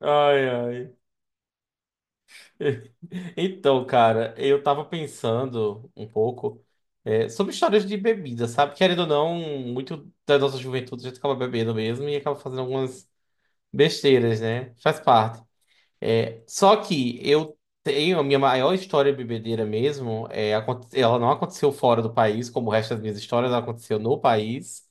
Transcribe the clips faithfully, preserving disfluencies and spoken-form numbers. Ai, ai. Então, cara, eu tava pensando um pouco é, sobre histórias de bebida, sabe? Querendo ou não, muito da nossa juventude a gente acaba bebendo mesmo e acaba fazendo algumas besteiras, né? Faz parte. É, só que eu tenho a minha maior história bebedeira mesmo. É, aconte- ela não aconteceu fora do país, como o resto das minhas histórias, ela aconteceu no país.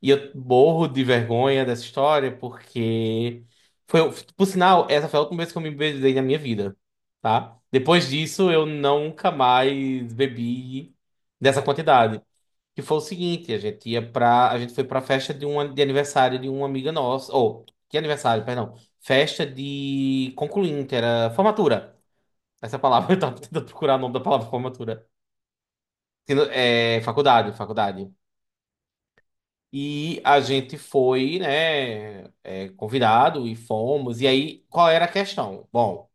E eu morro de vergonha dessa história, porque foi, por sinal, essa foi a última vez que eu me bebedei na minha vida, tá? Depois disso, eu nunca mais bebi dessa quantidade. Que foi o seguinte, a gente ia pra. A gente foi pra festa de um de aniversário de uma amiga nossa. Ou, que aniversário, perdão. Festa de concluinte, era formatura. Essa palavra, eu tava tentando procurar o nome da palavra formatura. Sendo- É, faculdade, faculdade. E a gente foi, né, é, convidado, e fomos. E aí, qual era a questão? Bom,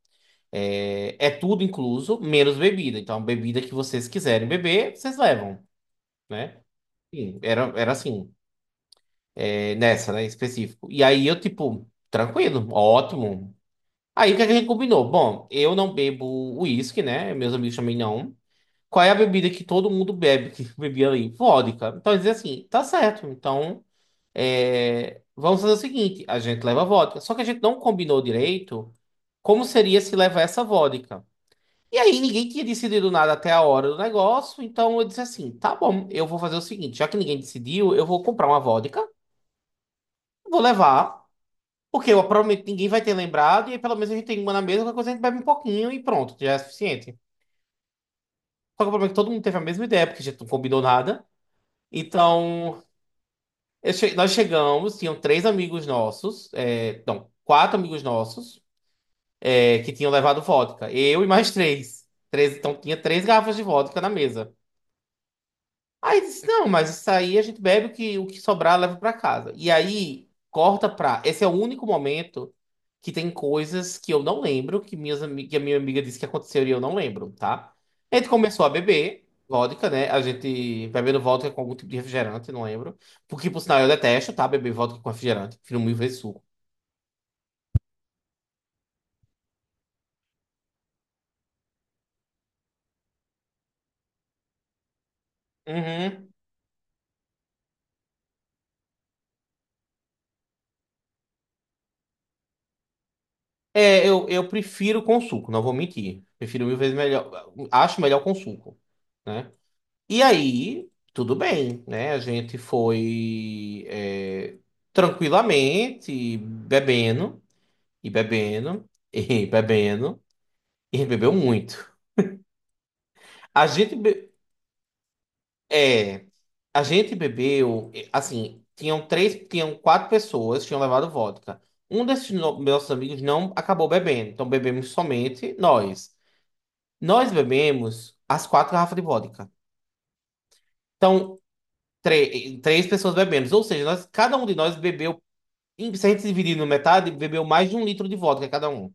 é, é tudo incluso, menos bebida. Então, a bebida que vocês quiserem beber, vocês levam, né? Sim, era, era assim. É, Nessa, né, em específico. E aí eu, tipo, tranquilo, ótimo. Aí o que é que a gente combinou? Bom, eu não bebo uísque, né? Meus amigos também não. Qual é a bebida que todo mundo bebe, que bebia ali? Vodka. Então dizer assim, tá certo. Então, é, vamos fazer o seguinte: a gente leva vodka. Só que a gente não combinou direito como seria se levar essa vodka. E aí ninguém tinha decidido nada até a hora do negócio. Então eu disse assim: tá bom, eu vou fazer o seguinte, já que ninguém decidiu, eu vou comprar uma vodka, vou levar. Porque eu, provavelmente ninguém vai ter lembrado, e aí pelo menos a gente tem uma na mesa, qualquer coisa a gente bebe um pouquinho e pronto, já é suficiente. Só que o problema é que todo mundo teve a mesma ideia, porque a gente não combinou nada. Então, eu che- nós chegamos, tinham três amigos nossos, é, não, quatro amigos nossos, é, que tinham levado vodka. Eu e mais três. Três, então tinha três garrafas de vodka na mesa. Aí disse, não, mas isso aí a gente bebe o que, o que sobrar leva pra casa. E aí corta pra. Esse é o único momento que tem coisas que eu não lembro, que, minhas, ami- que a minha amiga disse que aconteceu e eu não lembro, tá? A gente começou a beber vodka, né? A gente bebendo vodka com algum tipo de refrigerante, não lembro. Porque, por sinal, eu detesto, tá? Beber vodka com refrigerante. Prefiro mil vezes suco. Uhum. É, eu, eu prefiro com suco, não vou mentir. Prefiro mil vezes melhor. Acho melhor com suco, né? E aí, tudo bem, né? A gente foi é, tranquilamente bebendo e bebendo e bebendo, e bebeu muito. A gente be- é, a gente bebeu, é, assim, tinham três, tinham quatro pessoas que tinham levado vodka. Um desses no- nossos amigos não acabou bebendo, então bebemos somente nós. Nós bebemos as quatro garrafas de vodka. Então, tre- três pessoas bebemos, ou seja, nós, cada um de nós bebeu. E se a gente dividir na metade, bebeu mais de um litro de vodka cada um.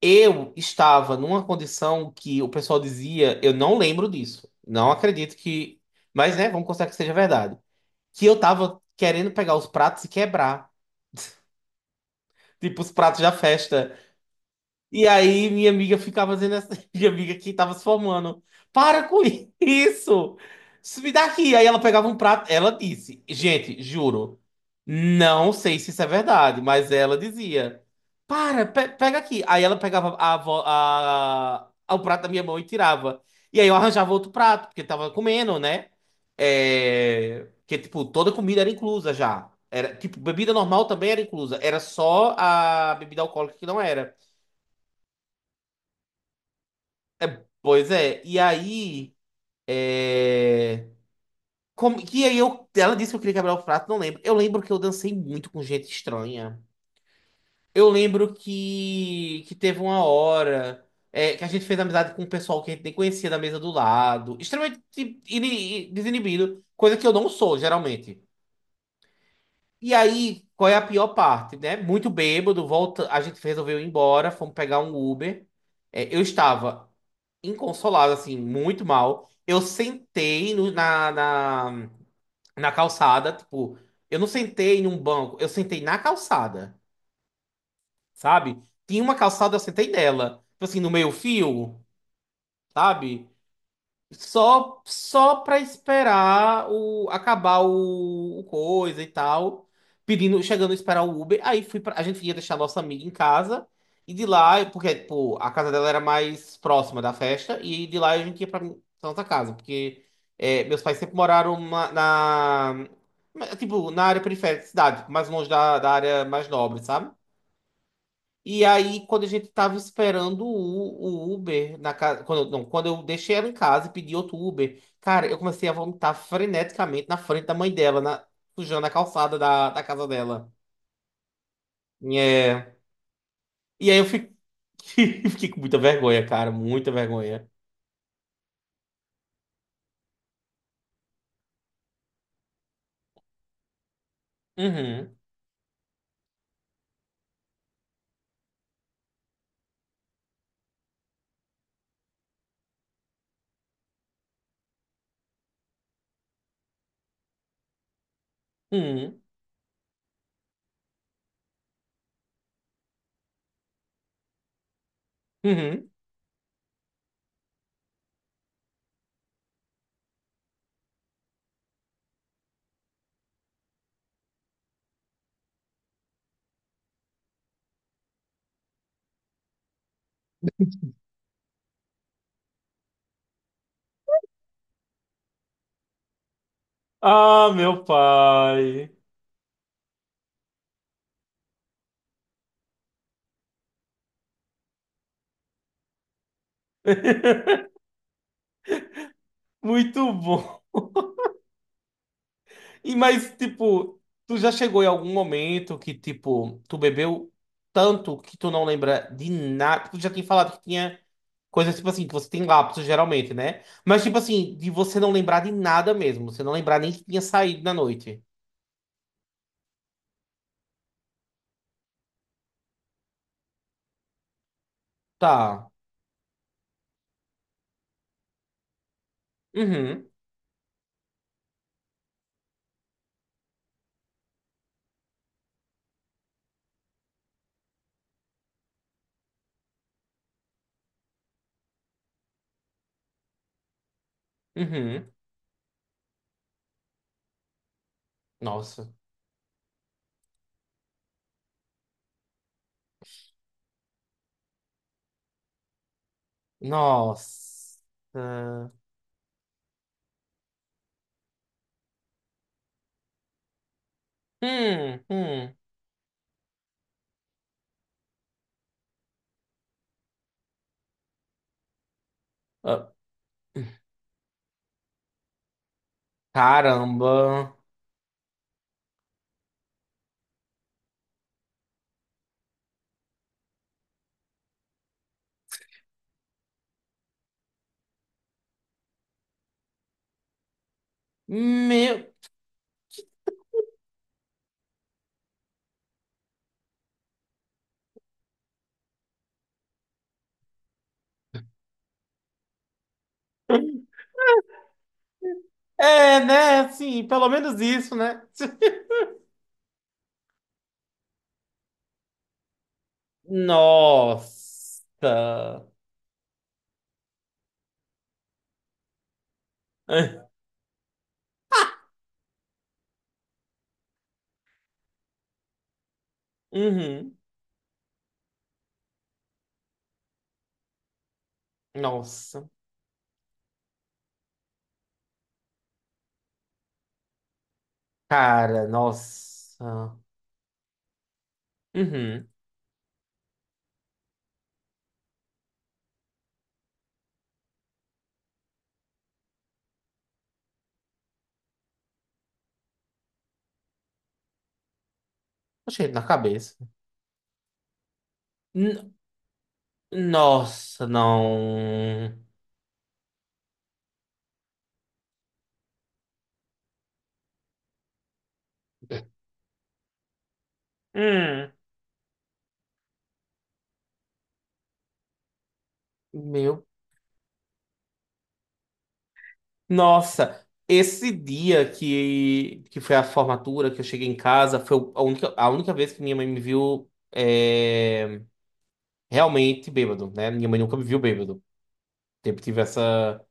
Eu estava numa condição que o pessoal dizia, eu não lembro disso. Não acredito que. Mas, né, vamos considerar que seja verdade. Que eu tava querendo pegar os pratos e quebrar. Tipo, os pratos da festa. E aí minha amiga ficava fazendo essa. Minha amiga que tava se formando. Para com isso! Isso me dá aqui. Aí ela pegava um prato. Ela disse, gente, juro, não sei se isso é verdade, mas ela dizia: para, pe- pega aqui. Aí ela pegava a, vo- a- a- o prato da minha mão e tirava. E aí eu arranjava outro prato, porque tava comendo, né? É... Porque, tipo, toda comida era inclusa já. Era, tipo, bebida normal também era inclusa. Era só a bebida alcoólica que não era. É, pois é, e aí. É... Como... E aí eu... Ela disse que eu queria quebrar o prato, não lembro. Eu lembro que eu dancei muito com gente estranha. Eu lembro que, que, teve uma hora, é, que a gente fez amizade com um pessoal que a gente nem conhecia da mesa do lado. Extremamente ini- desinibido, coisa que eu não sou, geralmente. E aí, qual é a pior parte, né? Muito bêbado, volta, a gente resolveu ir embora, fomos pegar um Uber. É, eu estava inconsolável, assim, muito mal. Eu sentei no- na, na, na calçada, tipo, eu não sentei num banco, eu sentei na calçada, sabe? Tinha uma calçada, eu sentei nela. Tipo assim, no meio fio, sabe? Só, só pra esperar o, acabar o, o coisa e tal. Pedindo, chegando a esperar o Uber. Aí fui pra, a gente ia deixar a nossa amiga em casa. E de lá, porque, tipo, a casa dela era mais próxima da festa. E de lá a gente ia pra minha- pra nossa casa. Porque é, meus pais sempre moraram ma- na, na- tipo, na área periférica da cidade. Mais longe da, da área mais nobre, sabe? E aí, quando a gente tava esperando o, o Uber na casa. Quando, eu- não, quando eu deixei ela em casa e pedi outro Uber, cara, eu comecei a vomitar freneticamente na frente da mãe dela, na- sujando a calçada da, da casa dela. É. E aí eu fiquei, fiquei com muita vergonha, cara, muita vergonha. Uhum, uhum, uhum. Ah, meu pai. Muito bom. E mas, tipo, tu já chegou em algum momento que, tipo, tu bebeu tanto que tu não lembra de nada? Tu já tinha falado que tinha coisas, tipo assim, que você tem lapsos geralmente, né? Mas, tipo assim, de você não lembrar de nada mesmo. Você não lembrar nem que tinha saído na noite. Tá. Uhum. Uhum. Nossa. Nossa. Hum, hum. Ah, caramba. Meu. É, né? Assim, pelo menos isso, né? Nossa. Ah, uhum. Nossa. Cara, nossa. Uhum. Achei na cabeça. N- Nossa, não. Hum. Meu. Nossa. Esse dia que, que foi a formatura, que eu cheguei em casa, foi a única, a única vez que minha mãe me viu, é, realmente bêbado, né? Minha mãe nunca me viu bêbado. Sempre tive essa.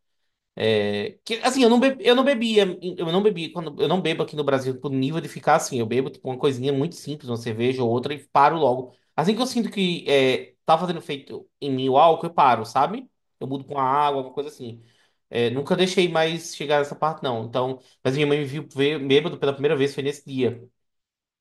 É, que, assim, eu não, be, eu não bebia, eu não bebia, quando, eu não bebo aqui no Brasil por nível de ficar assim. Eu bebo tipo, uma coisinha muito simples, uma cerveja ou outra, e paro logo. Assim que eu sinto que é, tá fazendo efeito em mim o álcool, eu paro, sabe? Eu mudo com a água, alguma coisa assim. É, nunca deixei mais chegar nessa parte, não. Então, mas minha mãe me viu ver- bêbado pela primeira vez, foi nesse dia.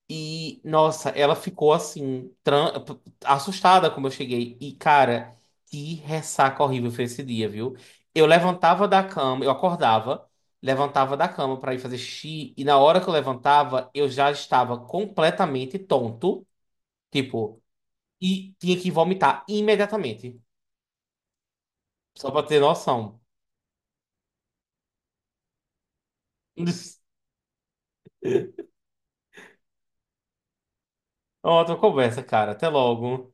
E, nossa, ela ficou assim, tran- p- assustada como eu cheguei. E, cara, que ressaca horrível foi esse dia, viu? Eu levantava da cama, eu acordava, levantava da cama pra ir fazer xixi, e na hora que eu levantava, eu já estava completamente tonto, tipo, e tinha que vomitar imediatamente. Só pra ter noção. Outra conversa, cara. Até logo.